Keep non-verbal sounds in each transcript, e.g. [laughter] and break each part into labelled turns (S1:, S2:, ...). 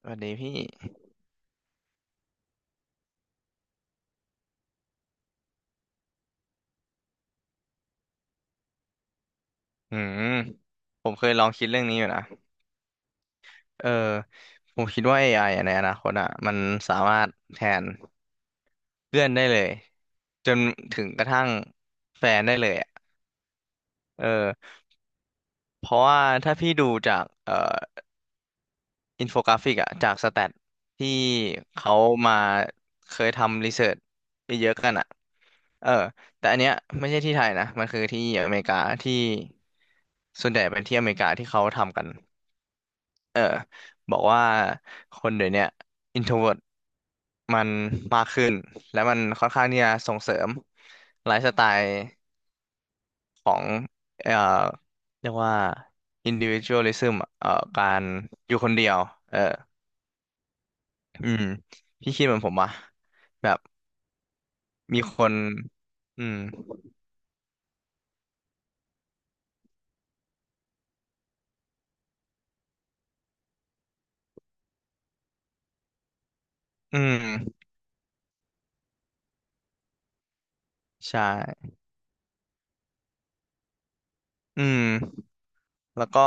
S1: สวัสดีพี่อืมผมเคยลองคิดเรื่องนี้อยู่นะ เออผมคิดว่า AI อไออะในอนาคตอ่ะมันสามารถแทนเพื่อนได้เลยจนถึงกระทั่งแฟนได้เลยอ่ะเออเพราะว่าถ้าพี่ดูจากอินโฟกราฟิกอะจากสแตทที่เขามาเคยทำรีเสิร์ชไปเยอะกันอะเออแต่อันเนี้ยไม่ใช่ที่ไทยนะมันคือที่อเมริกาที่ส่วนใหญ่เป็นที่อเมริกาที่เขาทำกันเออบอกว่าคนเดี๋ยวเนี้ยอินโทรเวิร์มันมากขึ้นและมันค่อนข้างที่จะส่งเสริมไลฟ์สไตล์ของเอ่อเรียกว่า individualism อะการอยู่คนเดียวเออ อืมพี่คิดเหมือนผมอ่ะแบบมีคนอืมอืมใช่อืมแล้วก็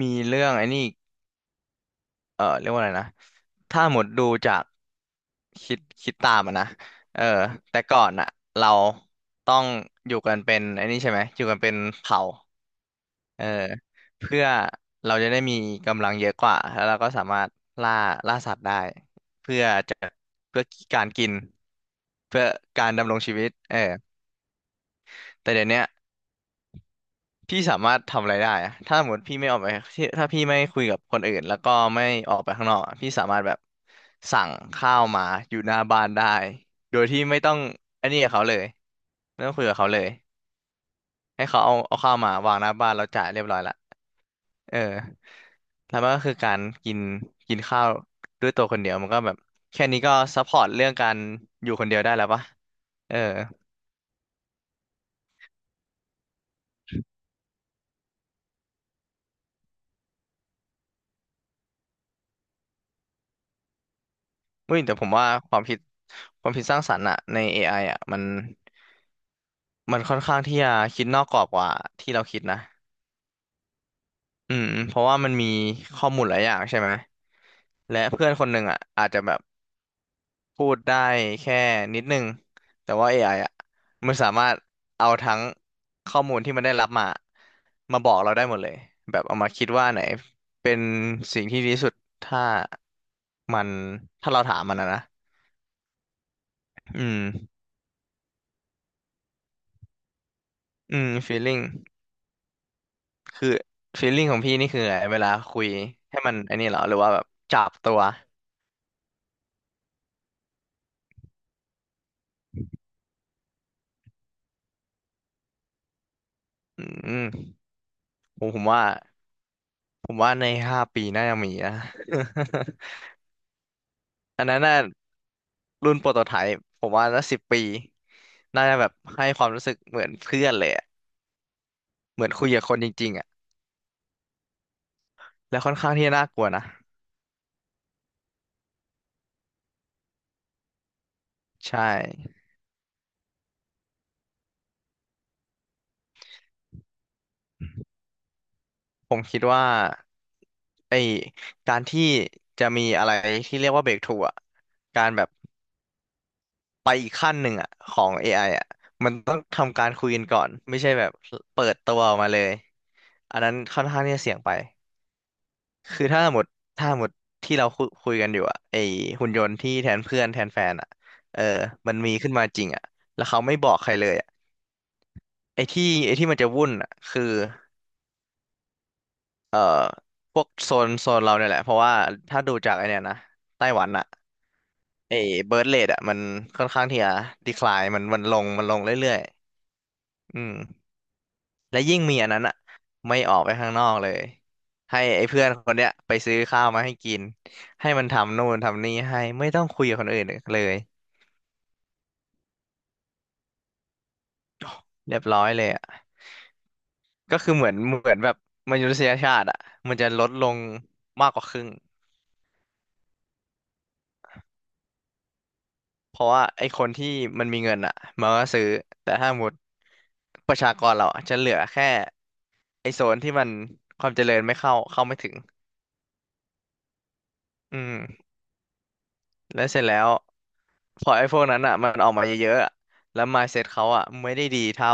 S1: มีเรื่องไอ้นี่อีกเออเรียกว่าอะไรนะถ้าหมดดูจากคิดตามอะนะเออแต่ก่อนอะเราต้องอยู่กันเป็นไอ้นี่ใช่ไหมอยู่กันเป็นเผ่า เออเพื่อเราจะได้มีกำลังเยอะกว่าแล้วเราก็สามารถล่าล่าสัตว์ได้เพื่อจะเพื่อการกินเพื่อการดำรงชีวิตเออแต่เดี๋ยวเนี้ยพี่สามารถทำอะไรได้อะถ้าสมมติพี่ไม่ออกไปที่ถ้าพี่ไม่คุยกับคนอื่นแล้วก็ไม่ออกไปข้างนอกอะพี่สามารถแบบสั่งข้าวมาอยู่หน้าบ้านได้โดยที่ไม่ต้องอันนี้กับเขาเลยไม่ต้องคุยกับเขาเลยให้เขาเอาข้าวมาวางหน้าบ้านเราจ่ายเรียบร้อยละ เออแล้วมันก็คือการกินกินข้าวด้วยตัวคนเดียวมันก็แบบแค่นี้ก็ซัพพอร์ตเรื่องการอยู่คนเดียวได้แล้วปะเอออุ้ยแต่ผมว่าความคิดความคิดสร้างสรรค์อะใน AI อไออะมันค่อนข้างที่จะคิดนอกกรอบกว่าที่เราคิดนะอืมเพราะว่ามันมีข้อมูลหลายอย่างใช่ไหมและเพื่อนคนหนึ่งอะอาจจะแบบ พูดได้แค่นิดนึงแต่ว่าเ AI ออ่ะมันสามารถเอาทั้งข้อมูลที่มันได้รับมามาบอกเราได้หมดเลยแบบเอามาคิดว่าไหนเป็นสิ่งที่ดีที่สุดถ้ามันถ้าเราถามมันนะนะอืมอืม feeling คือ feeling ของพี่นี่คือไงเวลาคุยให้มันไอันนี้เหรอหรือว่าแบบจับตัวอืมผมว่าผมว่าใน5 ปีน่าจะมีนะ [laughs] อันนั้นน่ะรุ่นโปรโตไทป์ผมว่าน่า10 ปีน่าจะแบบให้ความรู้สึกเหมือนเพื่อนเลยอะเหมือนคุยกับคนจริงๆอ่ะแล้วค่อนข้างที่จะน่ากลัวนะใช่ผมคิดว่าไอการที่จะมีอะไรที่เรียกว่าเบรกทรูอ่ะการแบบไปอีกขั้นหนึ่งอ่ะของ AI อไออ่ะมันต้องทำการคุยกันก่อนไม่ใช่แบบเปิดตัวออกมาเลยอันนั้นค่อนข้างที่จะเสี่ยงไป คือถ้าหมดถ้าหมดที่เราคุยกันอยู่อะไอหุ่นยนต์ที่แทนเพื่อนแทนแฟนอะเออมันมีขึ้นมาจริงอะแล้วเขาไม่บอกใครเลยอะไอที่ไอที่มันจะวุ่นอะคือเออพวกโซนเราเนี่ยแหละเพราะว่าถ้าดูจากไอเนี่ยนะไต้หวันอะไอเบิร์ธเรทอะมันค่อนข้างที่จะดีคลายมันลงมันลงเรื่อยๆอืมและยิ่งมีอันนั้นอะไม่ออกไปข้างนอกเลยให้ไอ้เพื่อนคนเนี้ยไปซื้อข้าวมาให้กินให้มันทำนู่นทำนี่ให้ไม่ต้องคุยกับคนอื่นเลย เรียบร้อยเลยอ่ะก็คือเหมือนเหมือนแบบมนุษยชาติอ่ะมันจะลดลงมากกว่าครึ่งเพราะว่าไอ้คนที่มันมีเงินอ่ะมันก็ซื้อแต่ถ้าหมดประชากรเราอะจะเหลือแค่ไอ้โซนที่มันความเจริญไม่เข้าไม่ถึงอืม แล้วเสร็จแล้วพอไอ้พวกนั้นอ่ะมันออกมาเยอะๆอะแล้ว mindset เขาอ่ะไม่ได้ดีเท่า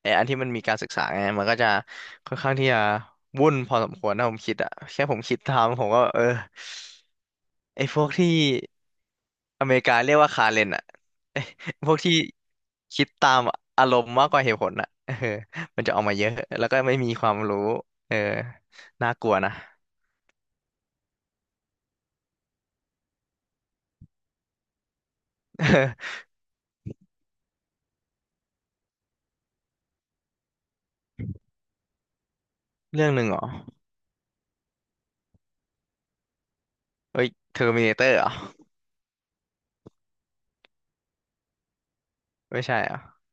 S1: ไอ้อันที่มันมีการศึกษาไงมันก็จะค่อนข้างที่จะวุ่นพอสมควรนะผมคิดอ่ะแค่ผมคิดทำผมก็เออไอ้พวกที่อเมริกาเรียกว่าคาเรนอ่ะ [laughs] ไอ้พวกที่คิดตามอารมณ์มากกว่าเหตุผลอ่ะเออมันจะออกมาเยอะแล้วก็ไม่มีความรู้เออน่ากลัวนะ [laughs] เรื่องหนึ่งเหรอเอ้ยเทอร์มิเนเตอร์เหรอ ไม่ใช่เหรอ่ะ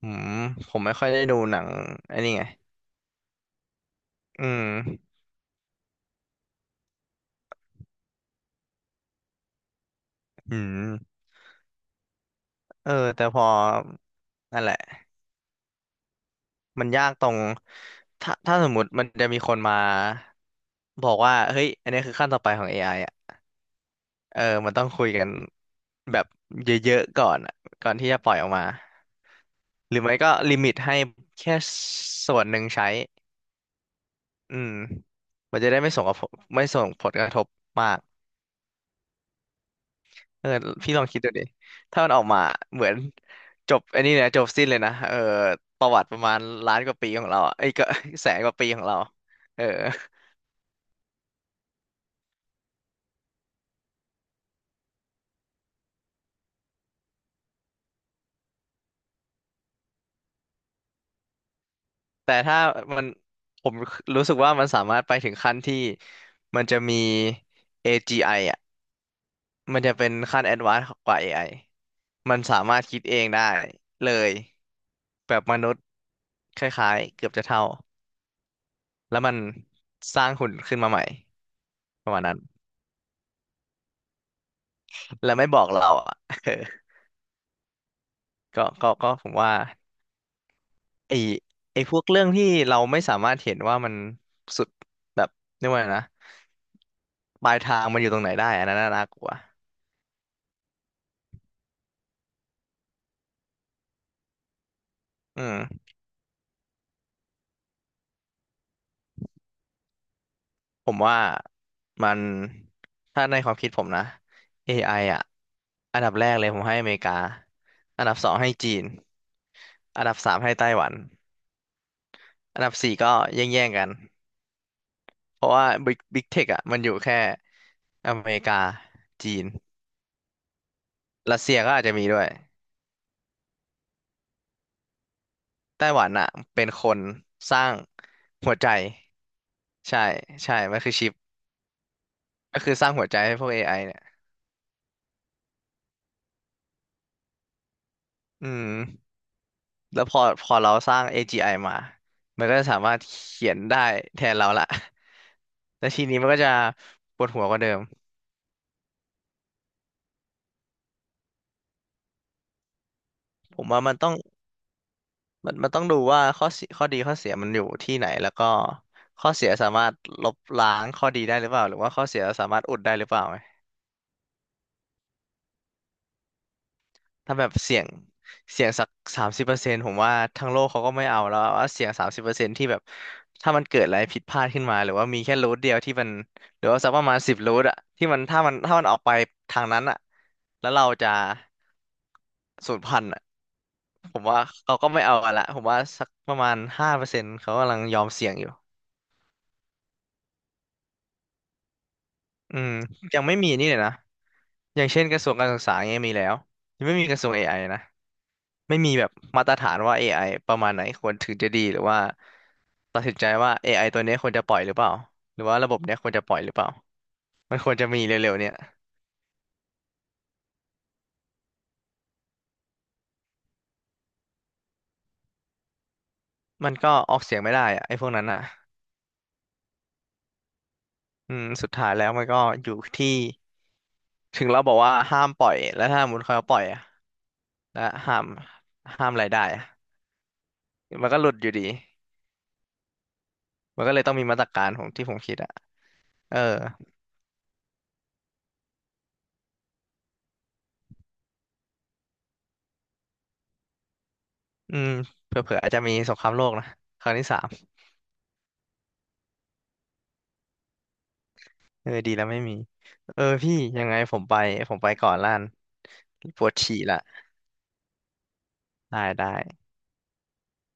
S1: อืมผมไม่ค่อยได้ดูหนังไอ้นี่ไง อืมอืมเออแต่พอนั่นแหละมันยากตรงถ้าถ้าสมมุติมันจะมีคนมาบอกว่า เฮ้ย อันนี้คือขั้นต่อไปของ AI อไออ่ะเออมันต้องคุยกันแบบเยอะๆก่อนอะก่อนที่จะปล่อยออกมา หรือไม่ก็ลิมิตให้แค่ส่วนหนึ่งใช้อืมมันจะได้ไม่ส่งกระทบไม่ส่งผลกระทบมาก เออพี่ลองคิดดูดิถ้ามันออกมาเหมือนจบไอันนี้เนี่ยจบสิ้นเลยนะเออประวัติประมาณล้านกว่าปีของเราอะเอ้ยก็ [laughs] แสนกว่าปีของเราเออแต่ถ้ามันผมรู้สึกว่ามันสามารถไปถึงขั้นที่มันจะมี AGI อจีไออ่ะมันจะเป็นขั้นแอดวานซ์กว่า AI มันสามารถคิดเองได้เลยแบบมนุษย์คล้ายๆเกือบจะเท่าแล้วมันสร้างหุ่นขึ้นมาใหม่ประมาณนั้นแล้วไม่บอกเราอ่ะ [laughs] เออก็ผมว่า ไอไอพวกเรื่องที่เราไม่สามารถเห็นว่ามันสุดแบบเรียกว่าไงนะปลายทางมันอยู่ตรงไหนได้อันนั้นน่ากลัวอืมผมว่ามันถ้าในความคิดผมนะ AI อไออ่ะอันดับแรกเลยผมให้อเมริกาอันดับสองให้จีนอันดับสามให้ไต้หวันอันดับสี่ก็แย่งๆกันเพราะว่าบิ๊กเทคอ่ะมันอยู่แค่อเมริกาจีนรัสเซียก็อาจจะมีด้วยไต้หวันอ่ะเป็นคนสร้างหัวใจ ใช่ใช่มันคือชิปก็คือสร้างหัวใจให้พวก AI เนี่ยอืมแล้วพอเราสร้าง AGI มามันก็จะสามารถเขียนได้แทนเราละ [laughs] แล้วทีนี้มันก็จะปวดหัวกว่าเดิมผมว่ามันต้องมันต้องดูว่าข้อเสียข้อดีข้อเสียมันอยู่ที่ไหนแล้วก็ข้อเสียสามารถลบล้างข้อดีได้หรือเปล่าหรือว่าข้อเสียสามารถอุดได้หรือเปล่า ถ้าแบบเสียงสักสามสิบเปอร์เซ็นต์ผมว่าทั้งโลกเขาก็ไม่เอาแล้วว่าเสียงสามสิบเปอร์เซ็นต์ที่แบบถ้ามันเกิดอะไรผิดพลาดขึ้นมาหรือว่ามีแค่รูทเดียวที่มันหรือว่าสักประมาณสิบรูทอะที่มันถ้ามันออกไปทางนั้นอะแล้วเราจะสูญพันธุ์อะผมว่าเขาก็ไม่เอากันละผมว่าสักประมาณ5%เขากำลังยอมเสี่ยงอยู่อืมยังไม่มีนี่เลยนะอย่างเช่นกระทรวงการศึกษาเงี้ยมีแล้วยังไม่มีกระทรวงเอไอนะ ไม่มีแบบมาตรฐานว่า AI ประมาณไหนควรถึงจะดีหรือว่าตัดสินใจว่าเอไอตัวเนี้ยควรจะปล่อยหรือเปล่าหรือว่าระบบเนี้ยควรจะปล่อยหรือเปล่ามันควรจะมีเร็วๆเนี่ยมันก็ออกเสียงไม่ได้อะไอ้พวกนั้นอ่ะอืมสุดท้ายแล้วมันก็อยู่ที่ถึงเราบอกว่าห้ามปล่อยแล้วถ้ามุนเขาปล่อยอะและห้ามห้ามรายได้อะมันก็หลุดอยู่ดีมันก็เลยต้องมีมาตรการของที่ผมคิดอ่ะเอออืมเผื่อๆอาจจะมีสงครามโลกนะครั้งที่ 3 เออดีแล้วไม่มีเออพี่ยังไงผมไปก่อนล้านปวดฉี่ละได้ได้